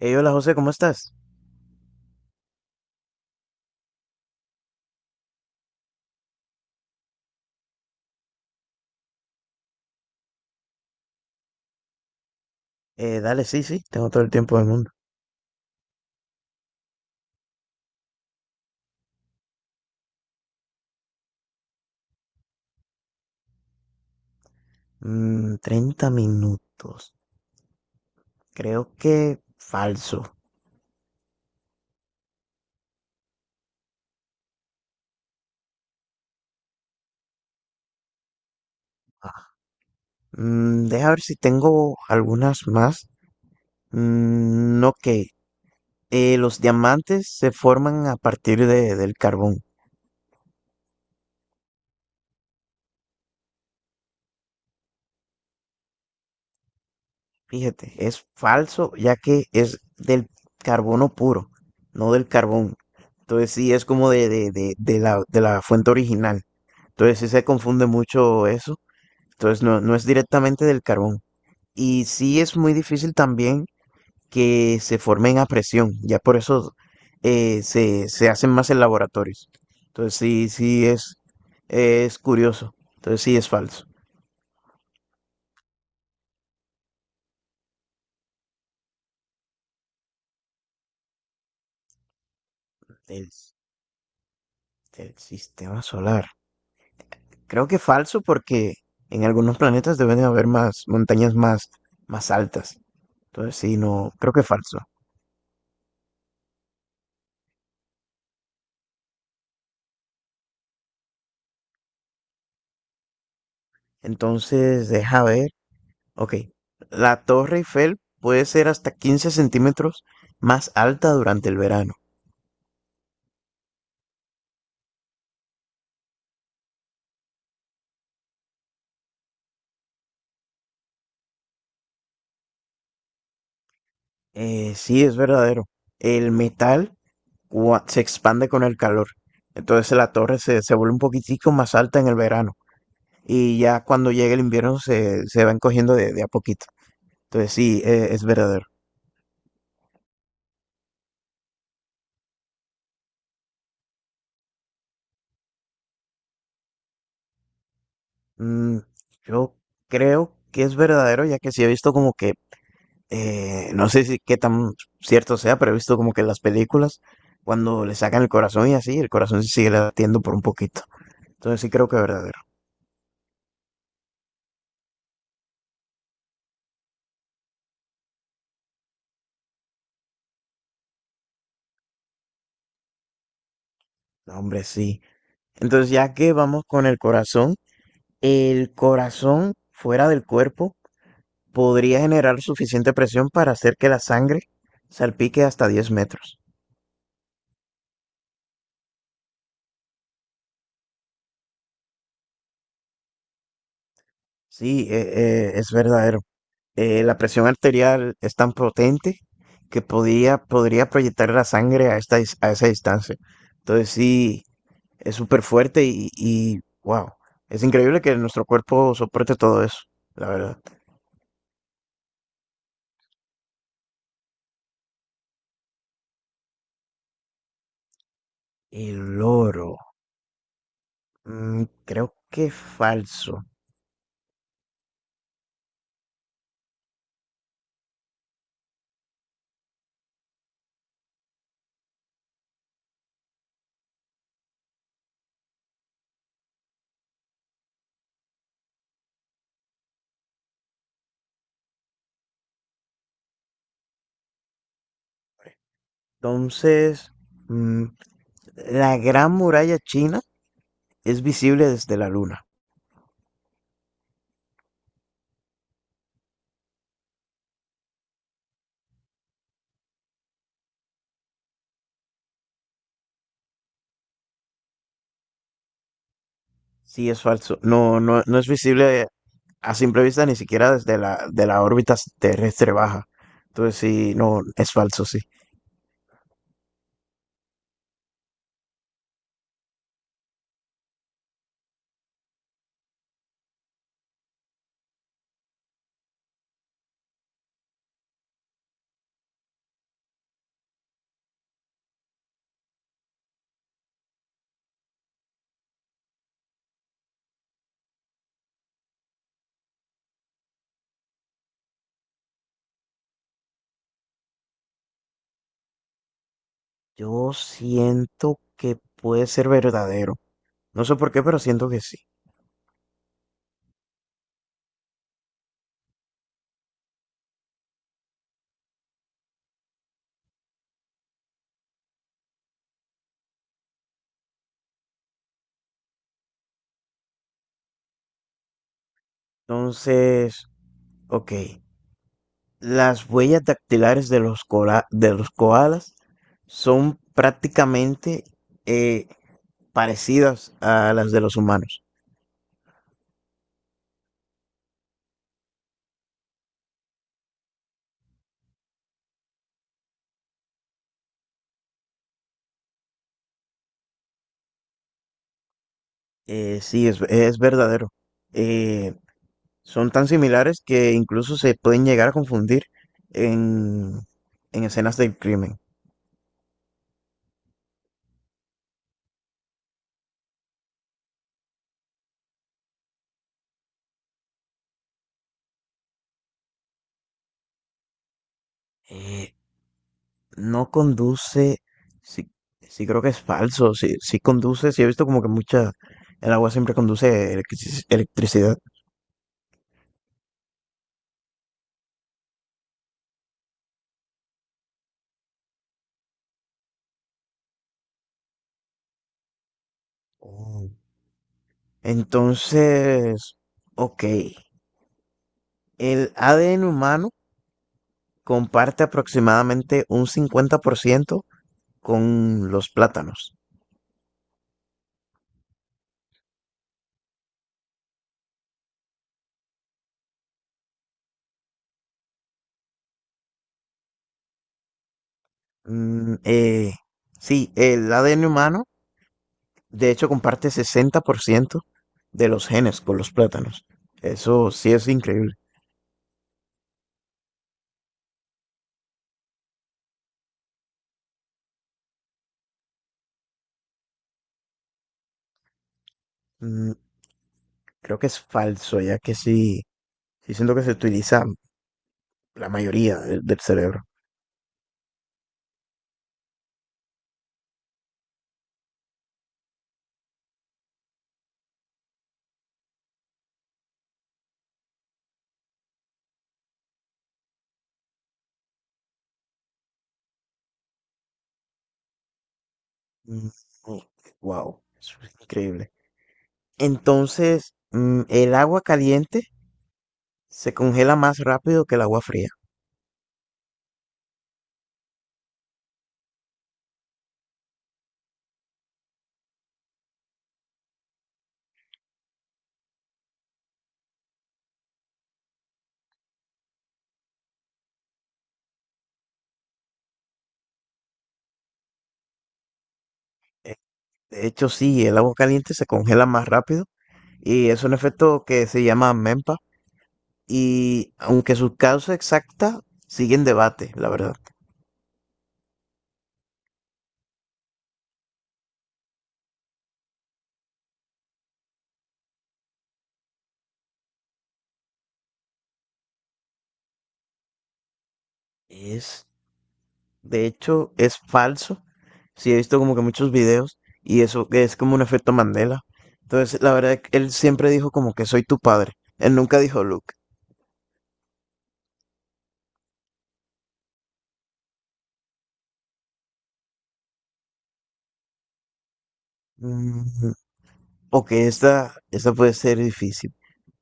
Hey, hola José, ¿cómo estás? Dale, sí, sí, tengo todo el tiempo del mundo. Mm, 30 minutos. Creo que falso. Ah, deja ver si tengo algunas más. Mm, ok. Los diamantes se forman a partir del carbón. Fíjate, es falso ya que es del carbono puro, no del carbón. Entonces sí, es como de la fuente original. Entonces sí se confunde mucho eso. Entonces no, no es directamente del carbón. Y sí es muy difícil también que se formen a presión. Ya por eso se hacen más en laboratorios. Entonces sí, sí es curioso. Entonces sí es falso. Del, del sistema solar. Creo que falso porque en algunos planetas deben de haber más montañas más altas. Entonces sí, no, creo que falso. Entonces, deja ver. Ok. La Torre Eiffel puede ser hasta 15 cm más alta durante el verano. Sí, es verdadero. El metal se expande con el calor. Entonces la torre se vuelve un poquitico más alta en el verano. Y ya cuando llegue el invierno se van cogiendo de a poquito. Entonces sí, es verdadero. Mm, yo creo que es verdadero, ya que sí he visto como que no sé si qué tan cierto sea, pero he visto como que en las películas, cuando le sacan el corazón y así, el corazón se sigue latiendo por un poquito. Entonces sí creo que es verdadero. No, hombre, sí. Entonces ya que vamos con el corazón fuera del cuerpo podría generar suficiente presión para hacer que la sangre salpique hasta 10 metros. Sí, es verdadero. La presión arterial es tan potente que podría proyectar la sangre a esa distancia. Entonces sí, es súper fuerte y wow, es increíble que nuestro cuerpo soporte todo eso, la verdad. El oro, creo que falso. Entonces, mm, la gran muralla china es visible desde la luna. Sí, es falso. No, no, no es visible a simple vista ni siquiera de la órbita terrestre baja. Entonces sí, no, es falso, sí. Yo siento que puede ser verdadero. No sé por qué, pero siento que sí. Entonces, ok. Las huellas dactilares de los koalas son prácticamente eh, parecidas a las de los humanos. Sí, es verdadero. Eh, son tan similares que incluso se pueden llegar a confundir en, en escenas del crimen. Eh, no conduce, sí, sí creo que es falso, sí, sí conduce, sí he visto como que mucha, el agua siempre conduce electricidad. Oh. Entonces, ok, el ADN humano comparte aproximadamente un 50% con los plátanos. Mm, eh, sí, el ADN humano, de hecho, comparte 60% de los genes con los plátanos. Eso sí es increíble. Mm, creo que es falso, ya que sí, sí siento que se utiliza la mayoría del cerebro. Wow, es increíble. Entonces, el agua caliente se congela más rápido que el agua fría. Eh, De hecho, sí, el agua caliente se congela más rápido y es un efecto que se llama MEMPA y aunque su causa exacta sigue en debate, la verdad. Es De hecho, es falso. Sí, he visto como que muchos videos y eso que es como un efecto Mandela. Entonces, la verdad, él siempre dijo como que soy tu padre. Él nunca dijo Luke. Mm, ok, esta puede ser difícil.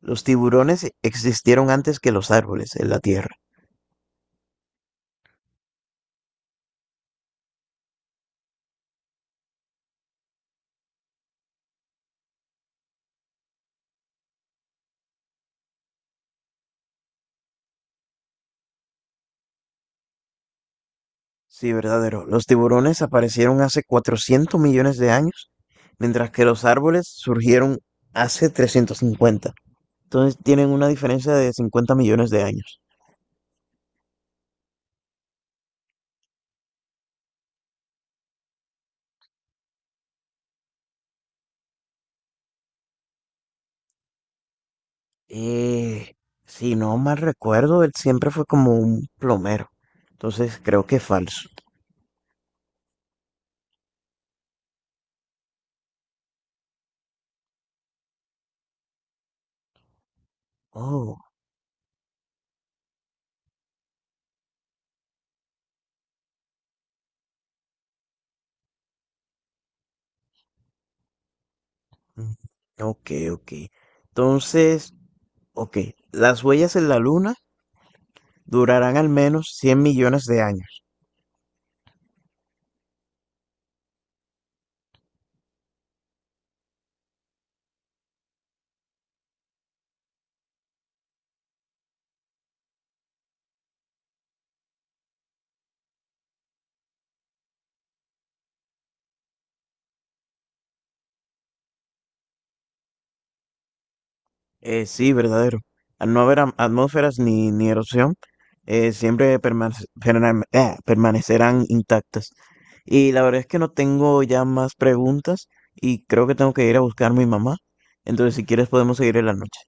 Los tiburones existieron antes que los árboles en la Tierra. Sí, verdadero. Los tiburones aparecieron hace 400 millones de años, mientras que los árboles surgieron hace 350. Entonces tienen una diferencia de 50 millones de años. Eh, si no mal recuerdo, él siempre fue como un plomero. Entonces creo que es falso. Oh, mm, ok, ok. Entonces, ok, las huellas en la Luna durarán al menos 100 millones de años. Sí, verdadero. Al no haber atmósferas ni erosión, siempre permanecerán intactas. Y la verdad es que no tengo ya más preguntas y creo que tengo que ir a buscar a mi mamá. Entonces, si quieres, podemos seguir en la noche.